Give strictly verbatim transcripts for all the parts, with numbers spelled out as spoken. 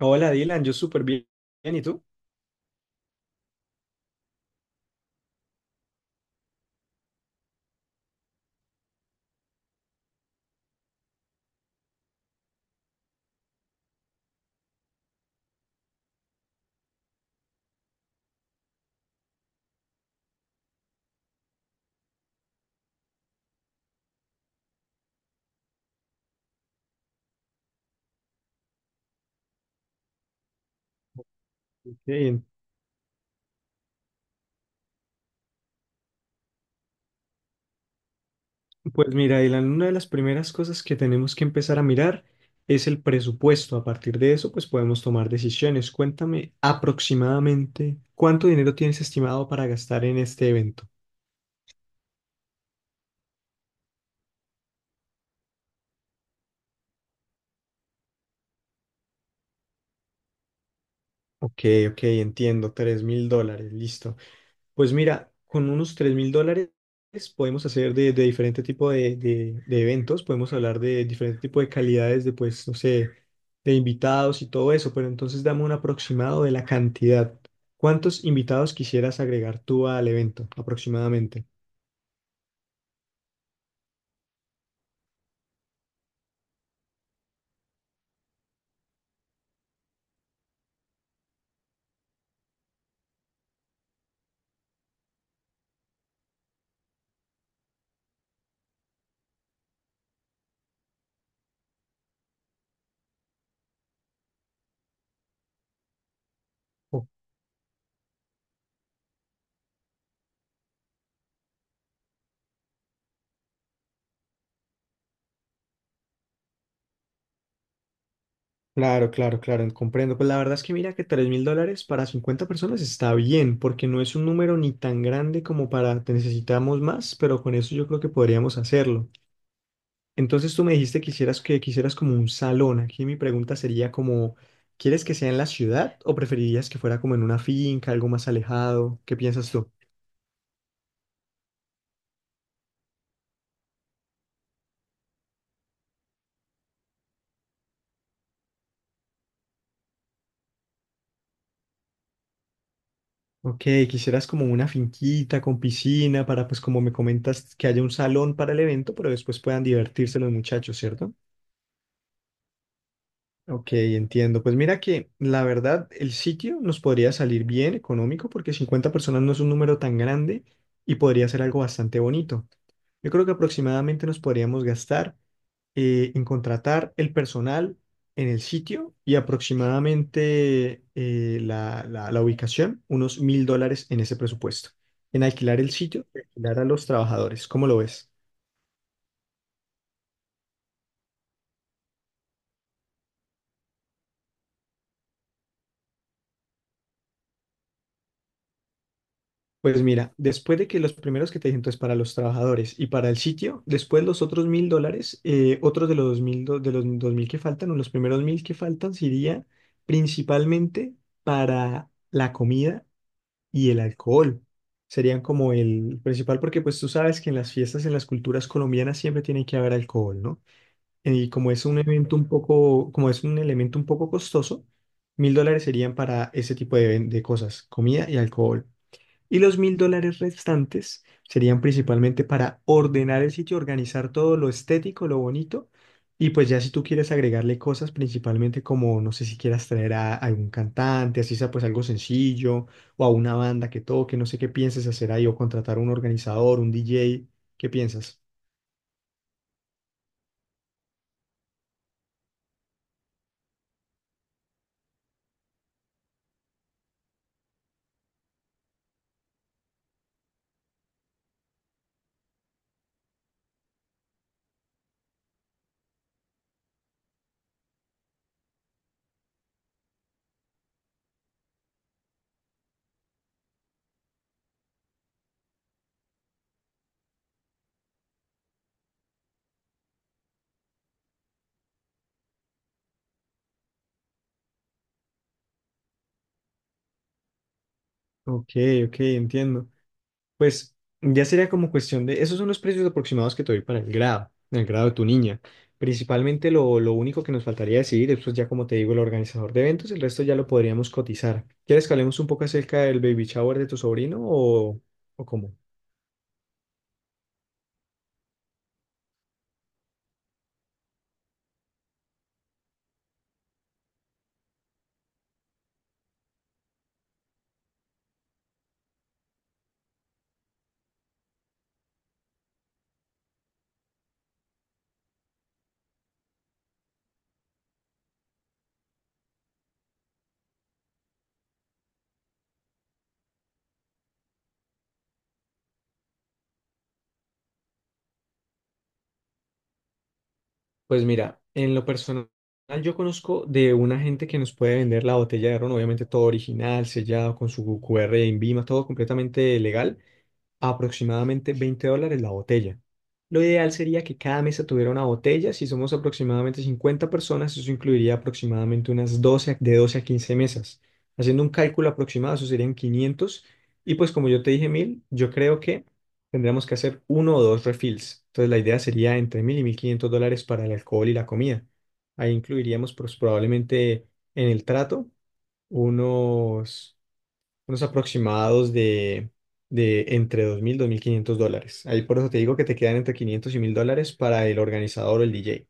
Hola Dylan, yo súper bien. ¿Y tú? Ok. Pues mira, Dylan, una de las primeras cosas que tenemos que empezar a mirar es el presupuesto. A partir de eso, pues podemos tomar decisiones. Cuéntame aproximadamente cuánto dinero tienes estimado para gastar en este evento. Ok, ok, entiendo, tres mil dólares, listo. Pues mira, con unos tres mil dólares podemos hacer de, de diferente tipo de, de- de eventos, podemos hablar de diferente tipo de calidades de, pues, no sé, de invitados y todo eso, pero entonces dame un aproximado de la cantidad. ¿Cuántos invitados quisieras agregar tú al evento aproximadamente? Oh. Claro, claro, claro, comprendo. Pues la verdad es que mira que tres mil dólares para cincuenta personas está bien, porque no es un número ni tan grande como para te necesitamos más, pero con eso yo creo que podríamos hacerlo. Entonces tú me dijiste que quisieras que quisieras como un salón. Aquí mi pregunta sería como, ¿quieres que sea en la ciudad o preferirías que fuera como en una finca, algo más alejado? ¿Qué piensas tú? Ok, quisieras como una finquita con piscina para, pues como me comentas, que haya un salón para el evento, pero después puedan divertirse los muchachos, ¿cierto? Ok, entiendo. Pues mira que la verdad el sitio nos podría salir bien económico porque cincuenta personas no es un número tan grande y podría ser algo bastante bonito. Yo creo que aproximadamente nos podríamos gastar eh, en contratar el personal en el sitio y aproximadamente eh, la, la- la ubicación, unos mil dólares en ese presupuesto. En alquilar el sitio, alquilar a los trabajadores. ¿Cómo lo ves? Pues mira, después de que los primeros que te dije, entonces para los trabajadores y para el sitio, después los otros mil dólares, eh, otros de los dos mil, do- de los dos mil que faltan, o los primeros mil que faltan, sería principalmente para la comida y el alcohol. Serían como el principal, porque pues tú sabes que en las fiestas, en las culturas colombianas siempre tiene que haber alcohol, ¿no? Y como es un evento un poco, como es un elemento un poco costoso, mil dólares serían para ese tipo de, de cosas, comida y alcohol. Y los mil dólares restantes serían principalmente para ordenar el sitio, organizar todo lo estético, lo bonito. Y pues ya si tú quieres agregarle cosas, principalmente como, no sé si quieras traer a algún cantante, así sea pues algo sencillo, o a una banda que toque, no sé qué pienses hacer ahí, o contratar a un organizador, un D J, ¿qué piensas? Ok, ok, entiendo. Pues ya sería como cuestión de, esos son los precios aproximados que te doy para el grado, el grado de tu niña. Principalmente lo, lo único que nos faltaría decidir, eso es pues, ya como te digo, el organizador de eventos, el resto ya lo podríamos cotizar. ¿Quieres que hablemos un poco acerca del baby shower de tu sobrino o, o cómo? Pues mira, en lo personal yo conozco de una gente que nos puede vender la botella de ron, obviamente todo original, sellado con su Q R de INVIMA, todo completamente legal a aproximadamente veinte dólares la botella. Lo ideal sería que cada mesa tuviera una botella. Si somos aproximadamente cincuenta personas, eso incluiría aproximadamente unas doce a- de doce a quince mesas. Haciendo un cálculo aproximado, eso serían quinientos. Y pues como yo te dije mil, yo creo que tendríamos que hacer uno o dos refills. Entonces la idea sería entre mil y mil quinientos dólares para el alcohol y la comida. Ahí incluiríamos pues, probablemente en el trato unos, unos aproximados de de entre dos mil y dos mil quinientos dólares. Ahí por eso te digo que te quedan entre quinientos y mil dólares para el organizador o el D J.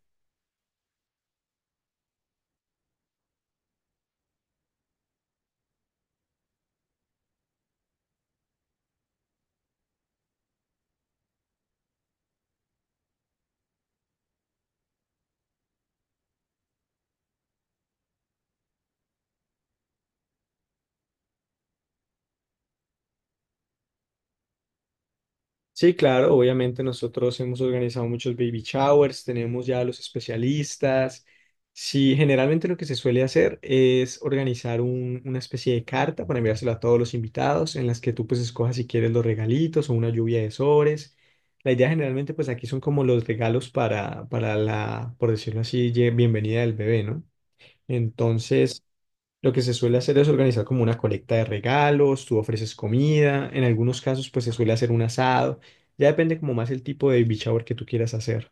Sí, claro, obviamente nosotros hemos organizado muchos baby showers, tenemos ya a los especialistas. Sí, generalmente lo que se suele hacer es organizar un- una especie de carta para enviársela a todos los invitados, en las que tú pues escojas si quieres los regalitos o una lluvia de sobres. La idea generalmente pues aquí son como los regalos para, para la, por decirlo así, ye- bienvenida del bebé, ¿no? Entonces, lo que se suele hacer es organizar como una colecta de regalos, tú ofreces comida, en algunos casos pues se suele hacer un asado, ya depende como más el tipo de baby shower que tú quieras hacer.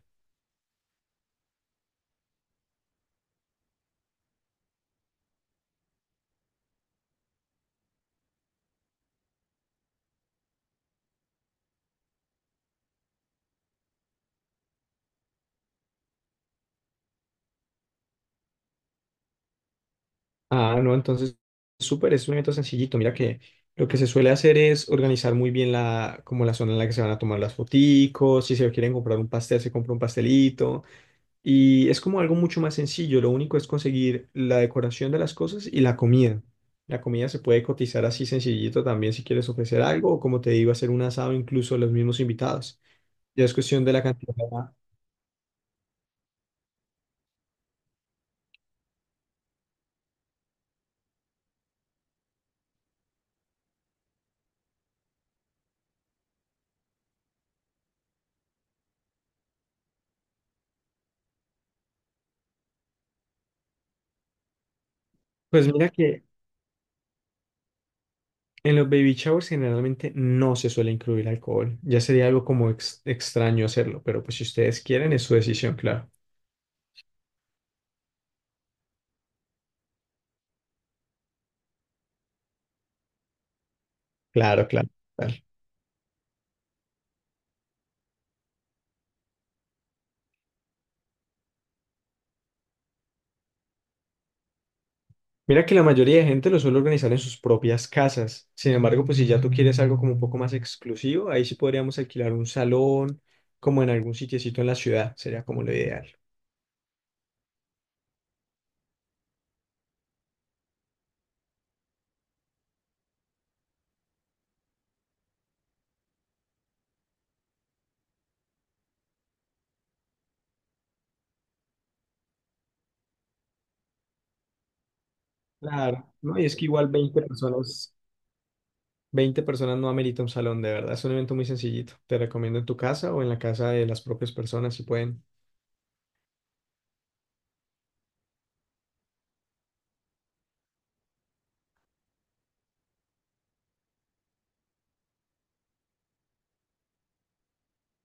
Ah, no, entonces súper, es un evento sencillito, mira que lo que se suele hacer es organizar muy bien la, como la zona en la que se van a tomar las foticos, si se quieren comprar un pastel, se compra un pastelito, y es como algo mucho más sencillo, lo único es conseguir la decoración de las cosas y la comida. La comida se puede cotizar así sencillito también si quieres ofrecer algo o como te digo, hacer un asado incluso a los mismos invitados. Ya es cuestión de la cantidad. Pues mira que en los baby showers generalmente no se suele incluir alcohol. Ya sería algo como ex- extraño hacerlo, pero pues si ustedes quieren es su decisión, claro. Claro, claro. Claro. Mira que la mayoría de gente lo suele organizar en sus propias casas. Sin embargo, pues si ya tú quieres algo como un poco más exclusivo, ahí sí podríamos alquilar un salón, como en algún sitiecito en la ciudad, sería como lo ideal. Claro, no, y es que igual veinte personas, veinte personas no amerita un salón, de verdad, es un evento muy sencillito. Te recomiendo en tu casa o en la casa de las propias personas si pueden.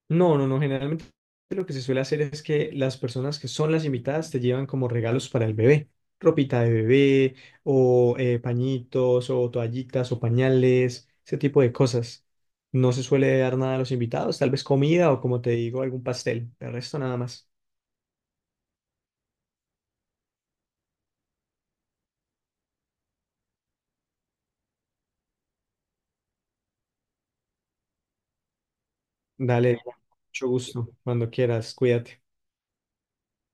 No, no, no. Generalmente lo que se suele hacer es que las personas que son las invitadas te llevan como regalos para el bebé, ropita de bebé o eh, pañitos o toallitas o pañales, ese tipo de cosas. No se suele dar nada a los invitados, tal vez comida o como te digo, algún pastel. De resto nada más. Dale, Diana, mucho gusto. Cuando quieras, cuídate.